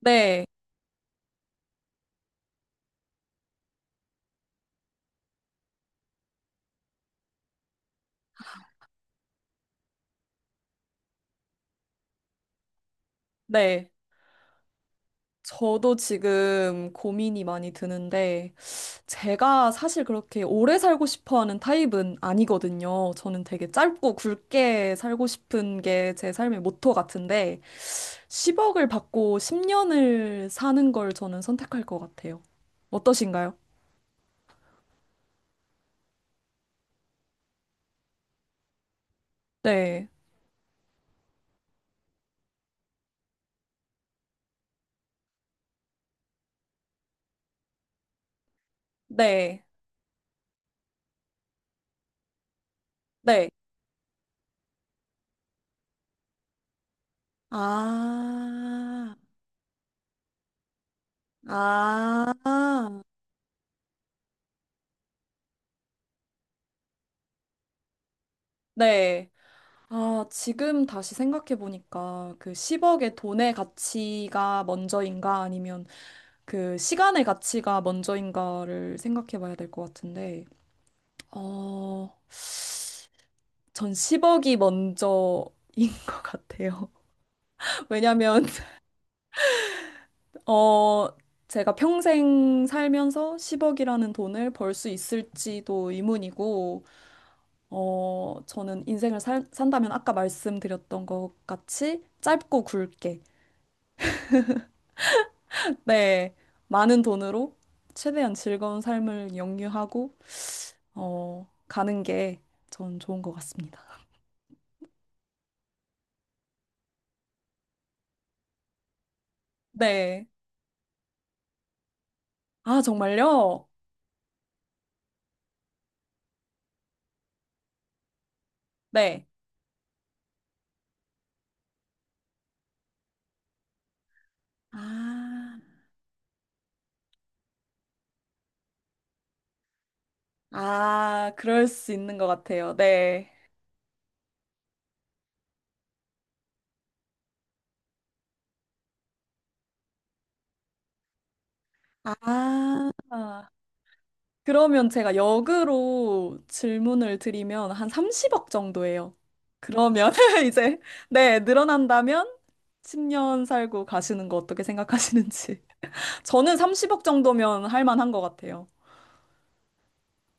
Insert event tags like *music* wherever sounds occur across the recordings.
네, 네. 저도 지금 고민이 많이 드는데, 제가 사실 그렇게 오래 살고 싶어 하는 타입은 아니거든요. 저는 되게 짧고 굵게 살고 싶은 게 제 삶의 모토 같은데, 10억을 받고 10년을 사는 걸 저는 선택할 것 같아요. 어떠신가요? 네, 네, 네. 아, 아, 네. 아, 지금 다시 생각해보니까 그 10억의 돈의 가치가 먼저인가 아니면 그 시간의 가치가 먼저인가를 생각해봐야 될 것 같은데, 어, 전 10억이 먼저인 *laughs* 것 같아요. *laughs* 왜냐면, 어, 제가 평생 살면서 10억이라는 돈을 벌 수 있을지도 의문이고, 저는 인생을 산다면 아까 말씀드렸던 것 같이 짧고 굵게 네, 많은 돈으로 최대한 즐거운 삶을 영유하고, 가는 게 전 좋은 것 같습니다. 네. 아, 정말요? 네. 아, 아, 그럴 수 있는 것 같아요. 네. 아, 그러면 제가 역으로 질문을 드리면 한 30억 정도예요. 그러면 *laughs* 이제, 네, 늘어난다면 10년 살고 가시는 거 어떻게 생각하시는지. 저는 30억 정도면 할 만한 것 같아요.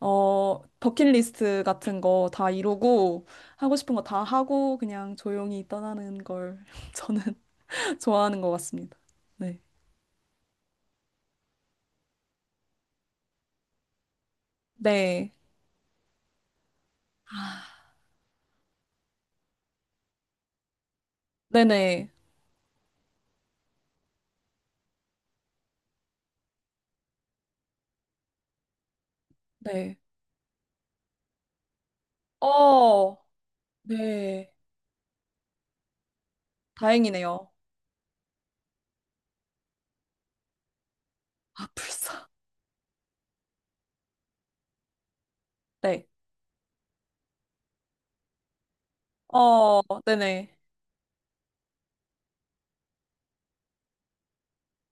버킷리스트 같은 거 다 이루고, 하고 싶은 거 다 하고, 그냥 조용히 떠나는 걸 *laughs* 저는 *laughs* 좋아하는 것 같습니다. 네. 네. 네네. 네. 어, 네. 다행이네요. 아, 불사. 네. 어, 네네.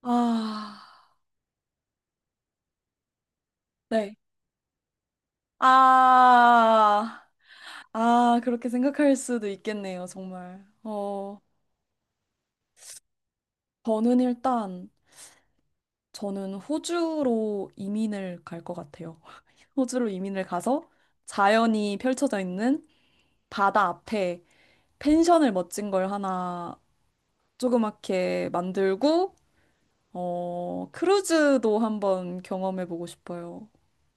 아, 네. 아, 아, 그렇게 생각할 수도 있겠네요, 정말. 어, 저는 일단, 저는 호주로 이민을 갈 것 같아요. 호주로 이민을 가서 자연이 펼쳐져 있는 바다 앞에 펜션을 멋진 걸 하나 조그맣게 만들고, 크루즈도 한번 경험해 보고 싶어요.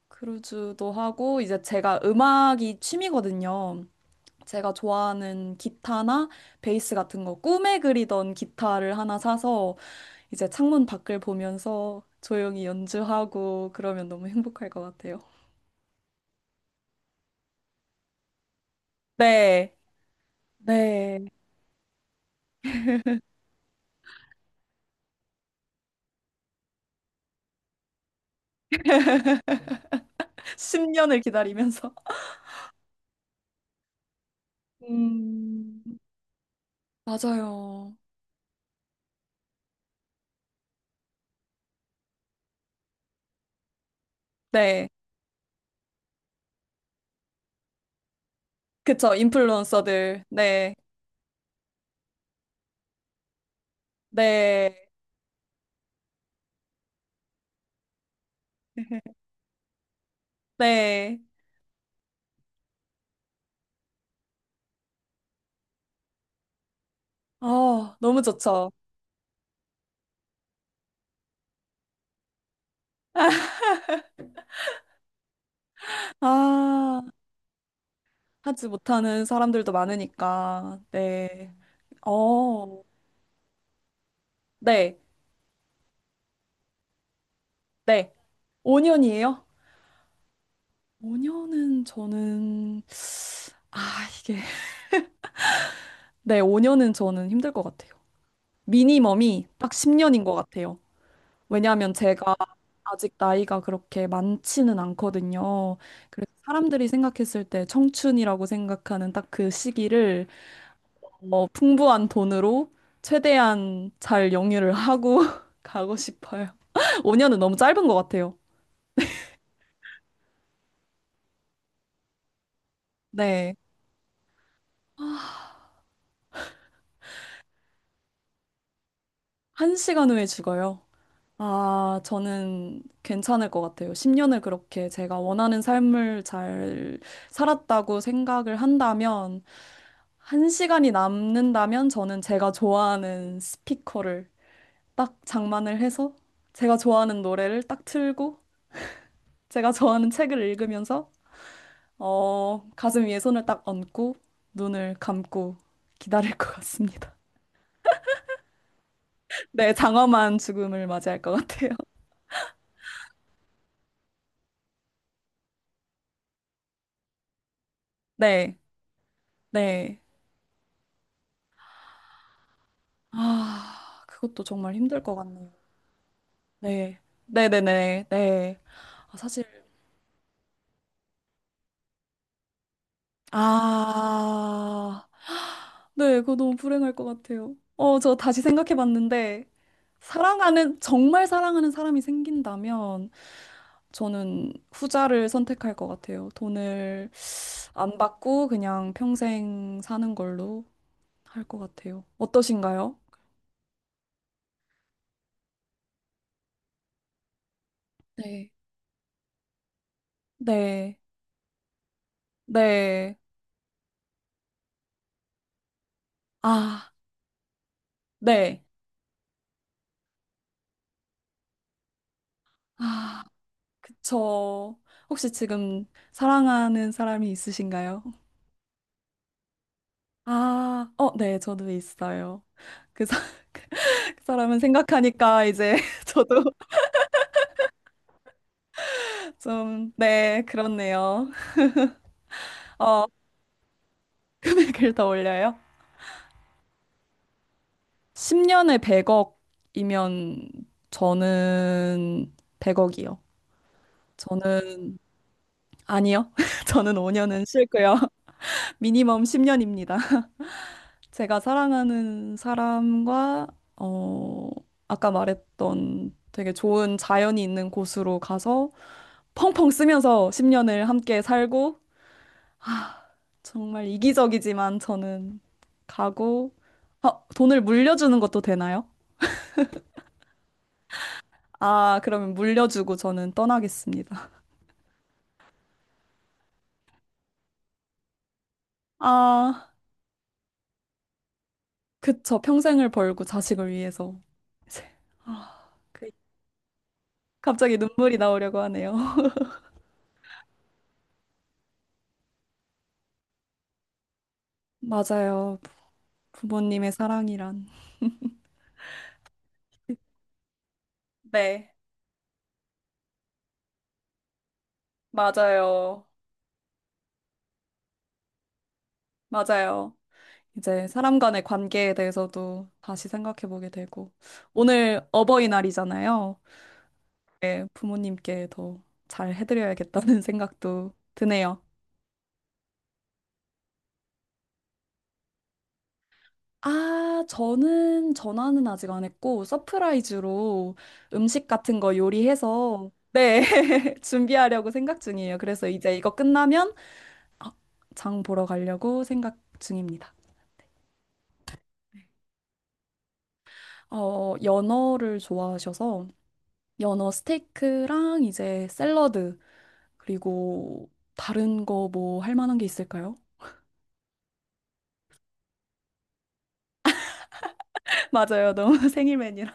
크루즈도 하고, 이제 제가 음악이 취미거든요. 제가 좋아하는 기타나 베이스 같은 거, 꿈에 그리던 기타를 하나 사서 이제 창문 밖을 보면서 조용히 연주하고 그러면 너무 행복할 것 같아요. 네. 네. 10년을 기다리면서. 음, 맞아요. 네. 그쵸. 인플루언서들. 네. 네. *laughs* 네. 아, 너무 좋죠. 아, 하지 못하는 사람들도 많으니까. 네. 어, 네. 네. 5년이에요? 5년은 저는, 아, 이게. 네, 5년은 저는 힘들 것 같아요. 미니멈이 딱 10년인 것 같아요. 왜냐하면 제가 아직 나이가 그렇게 많지는 않거든요. 그래서 사람들이 생각했을 때 청춘이라고 생각하는 딱 그 시기를 풍부한 돈으로 최대한 잘 영유를 하고 *laughs* 가고 싶어요. *laughs* 5년은 너무 짧은 것 같아요. 네, 한시간 후에 죽어요. 아, 저는 괜찮을 것 같아요. 10년을 그렇게 제가 원하는 삶을 잘 살았다고 생각을 한다면, 한 시간이 남는다면 저는 제가 좋아하는 스피커를 딱 장만을 해서, 제가 좋아하는 노래를 딱 틀고, 제가 좋아하는 책을 읽으면서, 가슴 위에 손을 딱 얹고, 눈을 감고 기다릴 것 같습니다. *laughs* 네, 장엄한 죽음을 맞이할 것 같아요. 네, 네. 아, 그것도 정말 힘들 것 같네요. 네. 네네네. 네. 아, 사실, 아, 네. 그거 너무 불행할 것 같아요. 어, 저 다시 생각해 봤는데, 사랑하는, 정말 사랑하는 사람이 생긴다면, 저는 후자를 선택할 것 같아요. 돈을 안 받고 그냥 평생 사는 걸로 할 것 같아요. 어떠신가요? 네. 네. 네. 아, 네. 아. 그쵸. 혹시 지금 사랑하는 사람이 있으신가요? 아, 어, 네, 저도 있어요. 그 사- 그 사람은 생각하니까 이제 *laughs* 저도 좀, 네, 그렇네요. 어, 금액을 더 올려요? 10년에 100억이면 저는 100억이요. 저는, 아니요. *laughs* 저는 5년은 싫고요. *laughs* 미니멈 10년입니다. 제가 사랑하는 사람과, 어, 아까 말했던 되게 좋은 자연이 있는 곳으로 가서 펑펑 쓰면서 10년을 함께 살고, 아, 정말 이기적이지만 저는 가고, 아, 돈을 물려주는 것도 되나요? 아, 그러면 물려주고 저는 떠나겠습니다. 아, 그쵸. 평생을 벌고 자식을 위해서. 이제, 아, 그- 갑자기 눈물이 나오려고 하네요. *laughs* 맞아요. 부모님의 사랑이란. 네, 맞아요. 맞아요. 이제 사람 간의 관계에 대해서도 다시 생각해 보게 되고. 오늘 어버이날이잖아요. 네, 부모님께 더 잘 해드려야겠다는 *laughs* 생각도 드네요. 아, 저는 전화는 아직 안 했고, 서프라이즈로 음식 같은 거 요리해서, 네, *laughs* 준비하려고 생각 중이에요. 그래서 이제 이거 끝나면 아, 장 보러 가려고 생각 중입니다. 연어를 좋아하셔서 연어 스테이크랑 이제 샐러드 그리고 다른 거 뭐 할 만한 게 있을까요? *laughs* 맞아요. 너무 *laughs* 생일 메뉴라.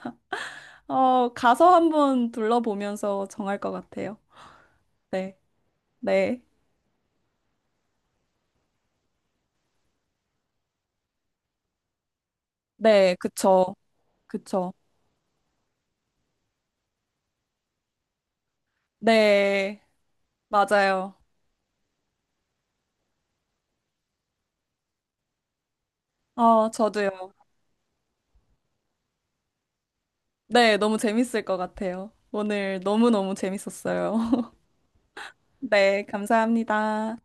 가서 한번 둘러보면서 정할 것 같아요. 네. 네. 네, 그쵸. 그쵸. 네. 맞아요. 저도요. 네, 너무 재밌을 것 같아요. 오늘 너무너무 재밌었어요. *laughs* 네, 감사합니다.